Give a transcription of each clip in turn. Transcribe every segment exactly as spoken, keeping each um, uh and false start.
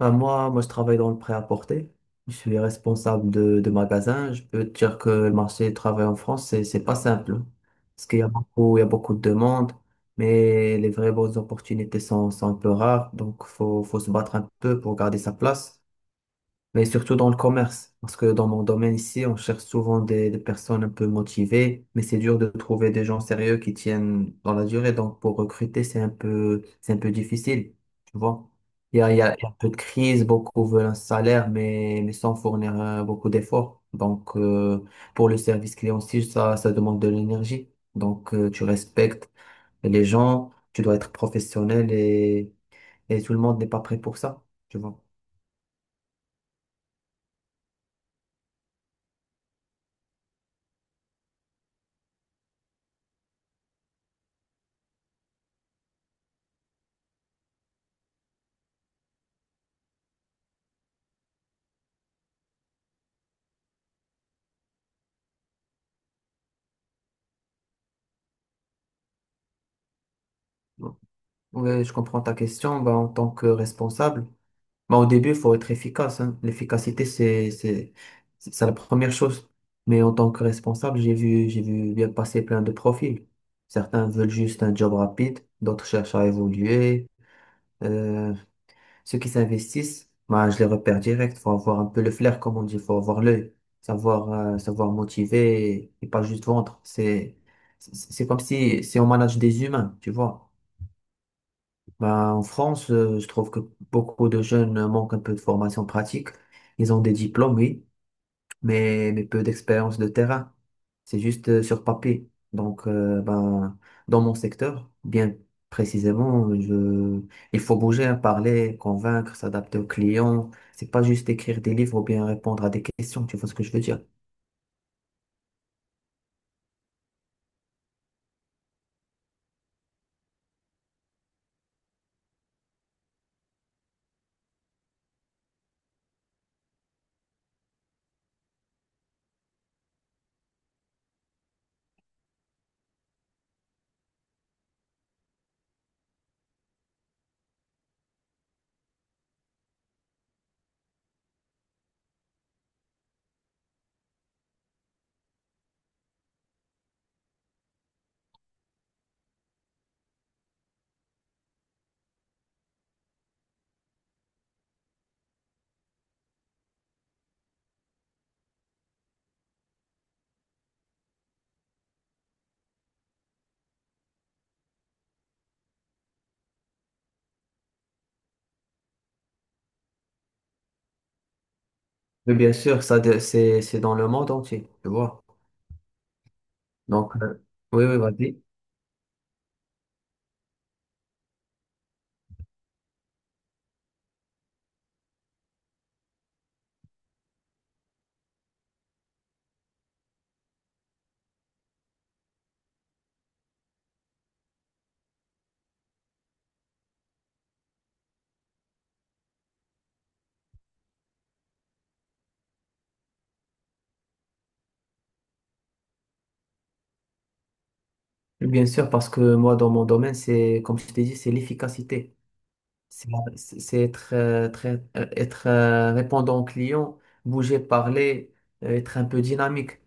Enfin, moi, moi, je travaille dans le prêt-à-porter. Je suis responsable de, de magasin. Je peux te dire que le marché du travail en France, c'est, c'est pas simple, hein. Parce qu'il y a beaucoup, il y a beaucoup de demandes, mais les vraies bonnes opportunités sont, sont un peu rares. Donc, faut, faut se battre un peu pour garder sa place, mais surtout dans le commerce. Parce que dans mon domaine ici, on cherche souvent des, des personnes un peu motivées, mais c'est dur de trouver des gens sérieux qui tiennent dans la durée. Donc, pour recruter, c'est un peu, c'est un peu difficile, tu vois. Il y a, il y a, il y a un peu de crise, beaucoup veulent un salaire, mais, mais sans fournir euh, beaucoup d'efforts. Donc, euh, pour le service client aussi, ça, ça demande de l'énergie. Donc, euh, tu respectes les gens, tu dois être professionnel et, et tout le monde n'est pas prêt pour ça, tu vois. Oui, je comprends ta question. Bah en tant que responsable, bah au début, il faut être efficace, hein. L'efficacité, c'est, c'est, c'est c'est la première chose. Mais en tant que responsable, j'ai vu, j'ai vu bien passer plein de profils. Certains veulent juste un job rapide, d'autres cherchent à évoluer. Euh, Ceux qui s'investissent, bah je les repère direct. Faut avoir un peu le flair, comme on dit. Faut avoir l'œil, savoir, euh, savoir motiver et, et pas juste vendre. C'est, c'est c'est comme si, si on manage des humains, tu vois. Ben en France, euh, je trouve que beaucoup de jeunes euh, manquent un peu de formation pratique. Ils ont des diplômes, oui, mais, mais peu d'expérience de terrain. C'est juste euh, sur papier. Donc, euh, ben, dans mon secteur, bien précisément, je... il faut bouger, hein, parler, convaincre, s'adapter aux clients. C'est pas juste écrire des livres ou bien répondre à des questions. Tu vois ce que je veux dire? Mais bien sûr, ça, de- c'est, c'est dans le monde entier, tu vois. Donc, euh, oui, oui, vas-y. Bien sûr, parce que moi, dans mon domaine, c'est, comme je t'ai dit, c'est l'efficacité. C'est c'est- c'est être, euh, très, euh, être euh, répondant au client, bouger, parler, euh, être un peu dynamique.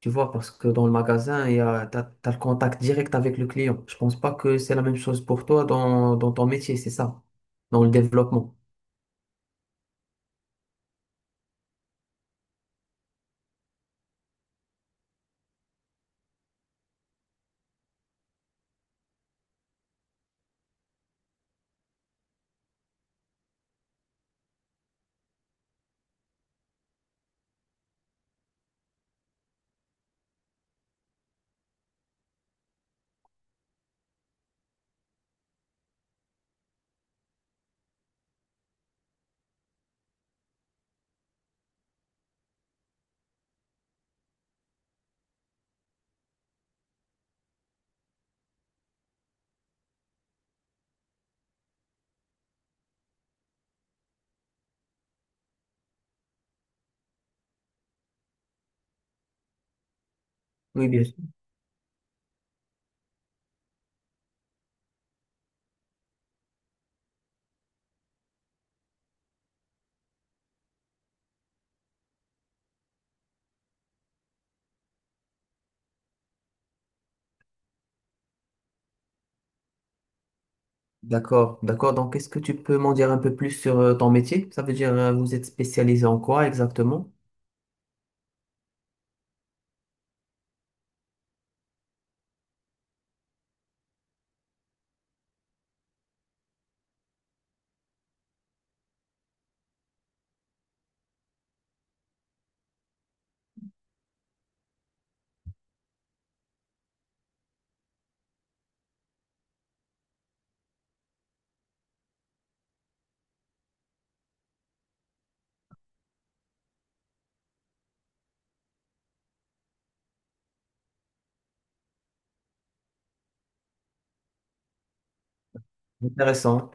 Tu vois, parce que dans le magasin, il y a, t'as, t'as le contact direct avec le client. Je pense pas que c'est la même chose pour toi dans, dans ton métier, c'est ça, dans le développement. Oui, bien sûr. D'accord, d'accord. Donc, est-ce que tu peux m'en dire un peu plus sur euh, ton métier? Ça veut dire, euh, vous êtes spécialisé en quoi exactement? Intéressant.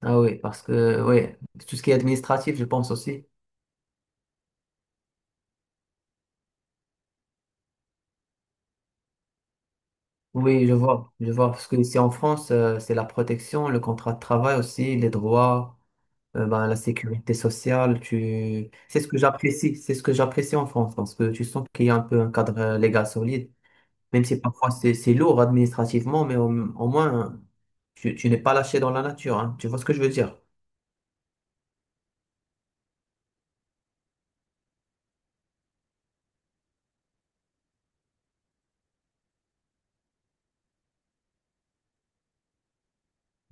Ah oui, parce que oui, tout ce qui est administratif, je pense aussi. Oui, je vois, je vois. Parce que ici en France, euh, c'est la protection, le contrat de travail aussi, les droits, euh, ben, la sécurité sociale. Tu... C'est ce que j'apprécie, c'est ce que j'apprécie en France, parce que tu sens qu'il y a un peu un cadre euh, légal solide, même si parfois c'est c'est lourd administrativement, mais au, au moins, tu, tu n'es pas lâché dans la nature, hein. Tu vois ce que je veux dire?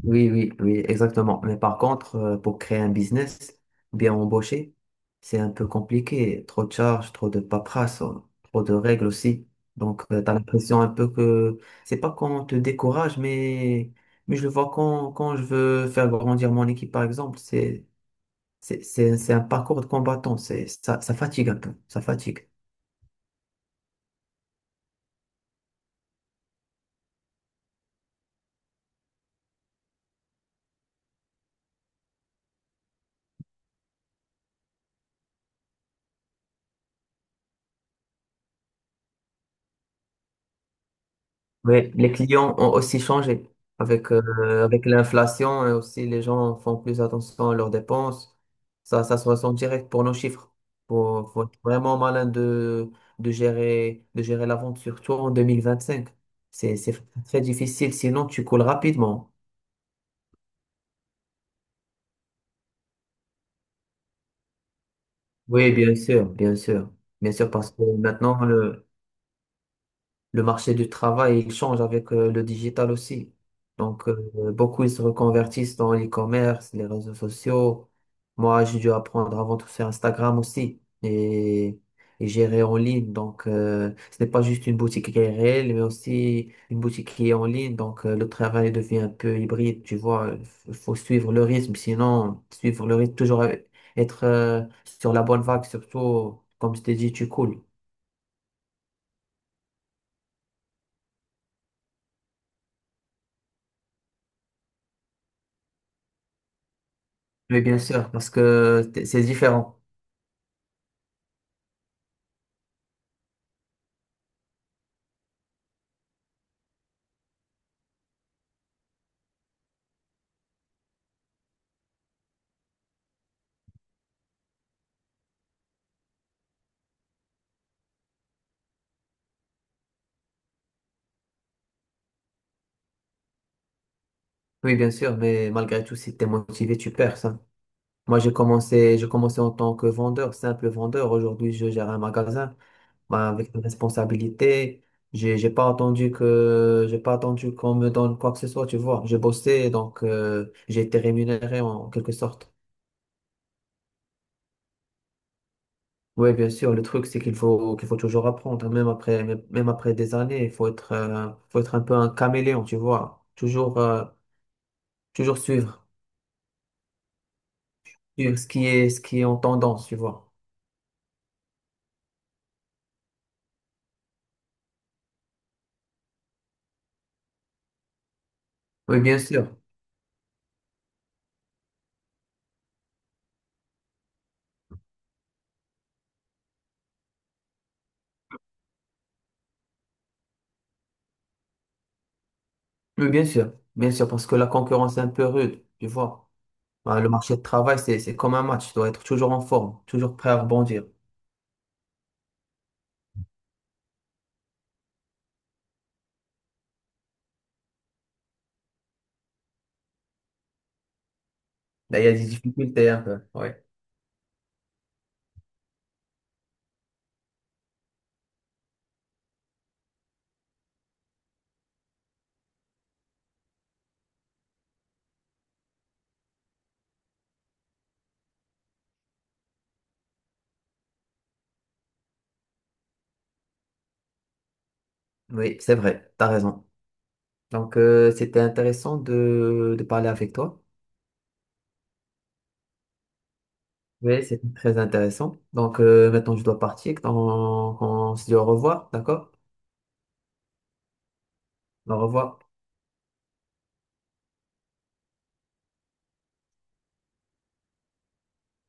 Oui, oui, oui, exactement. Mais par contre, euh, pour créer un business, bien embauché, c'est un peu compliqué. Trop de charges, trop de paperasse, euh, trop de règles aussi. Donc, tu as l'impression un peu que c'est pas qu'on te décourage, mais, mais je le vois quand, quand je veux faire grandir mon équipe, par exemple, c'est, c'est, c'est, c'est un parcours de combattant. C'est, ça, ça fatigue un peu. Ça fatigue. Oui, les clients ont aussi changé avec, euh, avec l'inflation et aussi les gens font plus attention à leurs dépenses. Ça, ça se ressent direct pour nos chiffres. Faut, faut être vraiment malin de, de gérer, de gérer la vente, surtout en deux mille vingt-cinq. C'est, c'est très difficile, sinon tu coules rapidement. Oui, bien sûr, bien sûr. Bien sûr, parce que maintenant, le, le marché du travail, il change avec euh, le digital aussi. Donc, euh, beaucoup, ils se reconvertissent dans l'e-commerce, les réseaux sociaux. Moi, j'ai dû apprendre avant tout faire Instagram aussi et, et gérer en ligne. Donc, euh, ce n'est pas juste une boutique qui est réelle, mais aussi une boutique qui est en ligne. Donc, euh, le travail devient un peu hybride, tu vois. Il faut suivre le rythme, sinon, suivre le rythme, toujours euh, être euh, sur la bonne vague, surtout, comme je t'ai dit, tu coules. Mais bien sûr, parce que t- c'est différent. Oui, bien sûr, mais malgré tout, si t'es motivé, tu perds ça. Moi, j'ai commencé, j'ai commencé en tant que vendeur, simple vendeur. Aujourd'hui, je gère un magasin, bah, avec des responsabilités. J'ai, j'ai pas attendu que, j'ai pas attendu qu'on me donne quoi que ce soit, tu vois. J'ai bossé, donc, euh, j'ai été rémunéré en quelque sorte. Oui, bien sûr, le truc, c'est qu'il faut, qu'il faut toujours apprendre, hein, même après, même même après des années. Il faut être, euh, faut être un peu un caméléon, tu vois. Toujours, euh, toujours suivre, suivre ce qui est, ce qui est en tendance, tu vois. Oui, bien sûr. Oui, bien sûr, bien sûr, parce que la concurrence est un peu rude, tu vois. Bah, le marché de travail, c'est, c'est comme un match, tu dois être toujours en forme, toujours prêt à rebondir. Là, il y a des difficultés un peu, oui. Oui, c'est vrai, t'as raison. Donc, euh, c'était intéressant de, de parler avec toi. Oui, c'était très intéressant. Donc, euh, maintenant, je dois partir. Donc, on se dit au revoir, d'accord? Au revoir.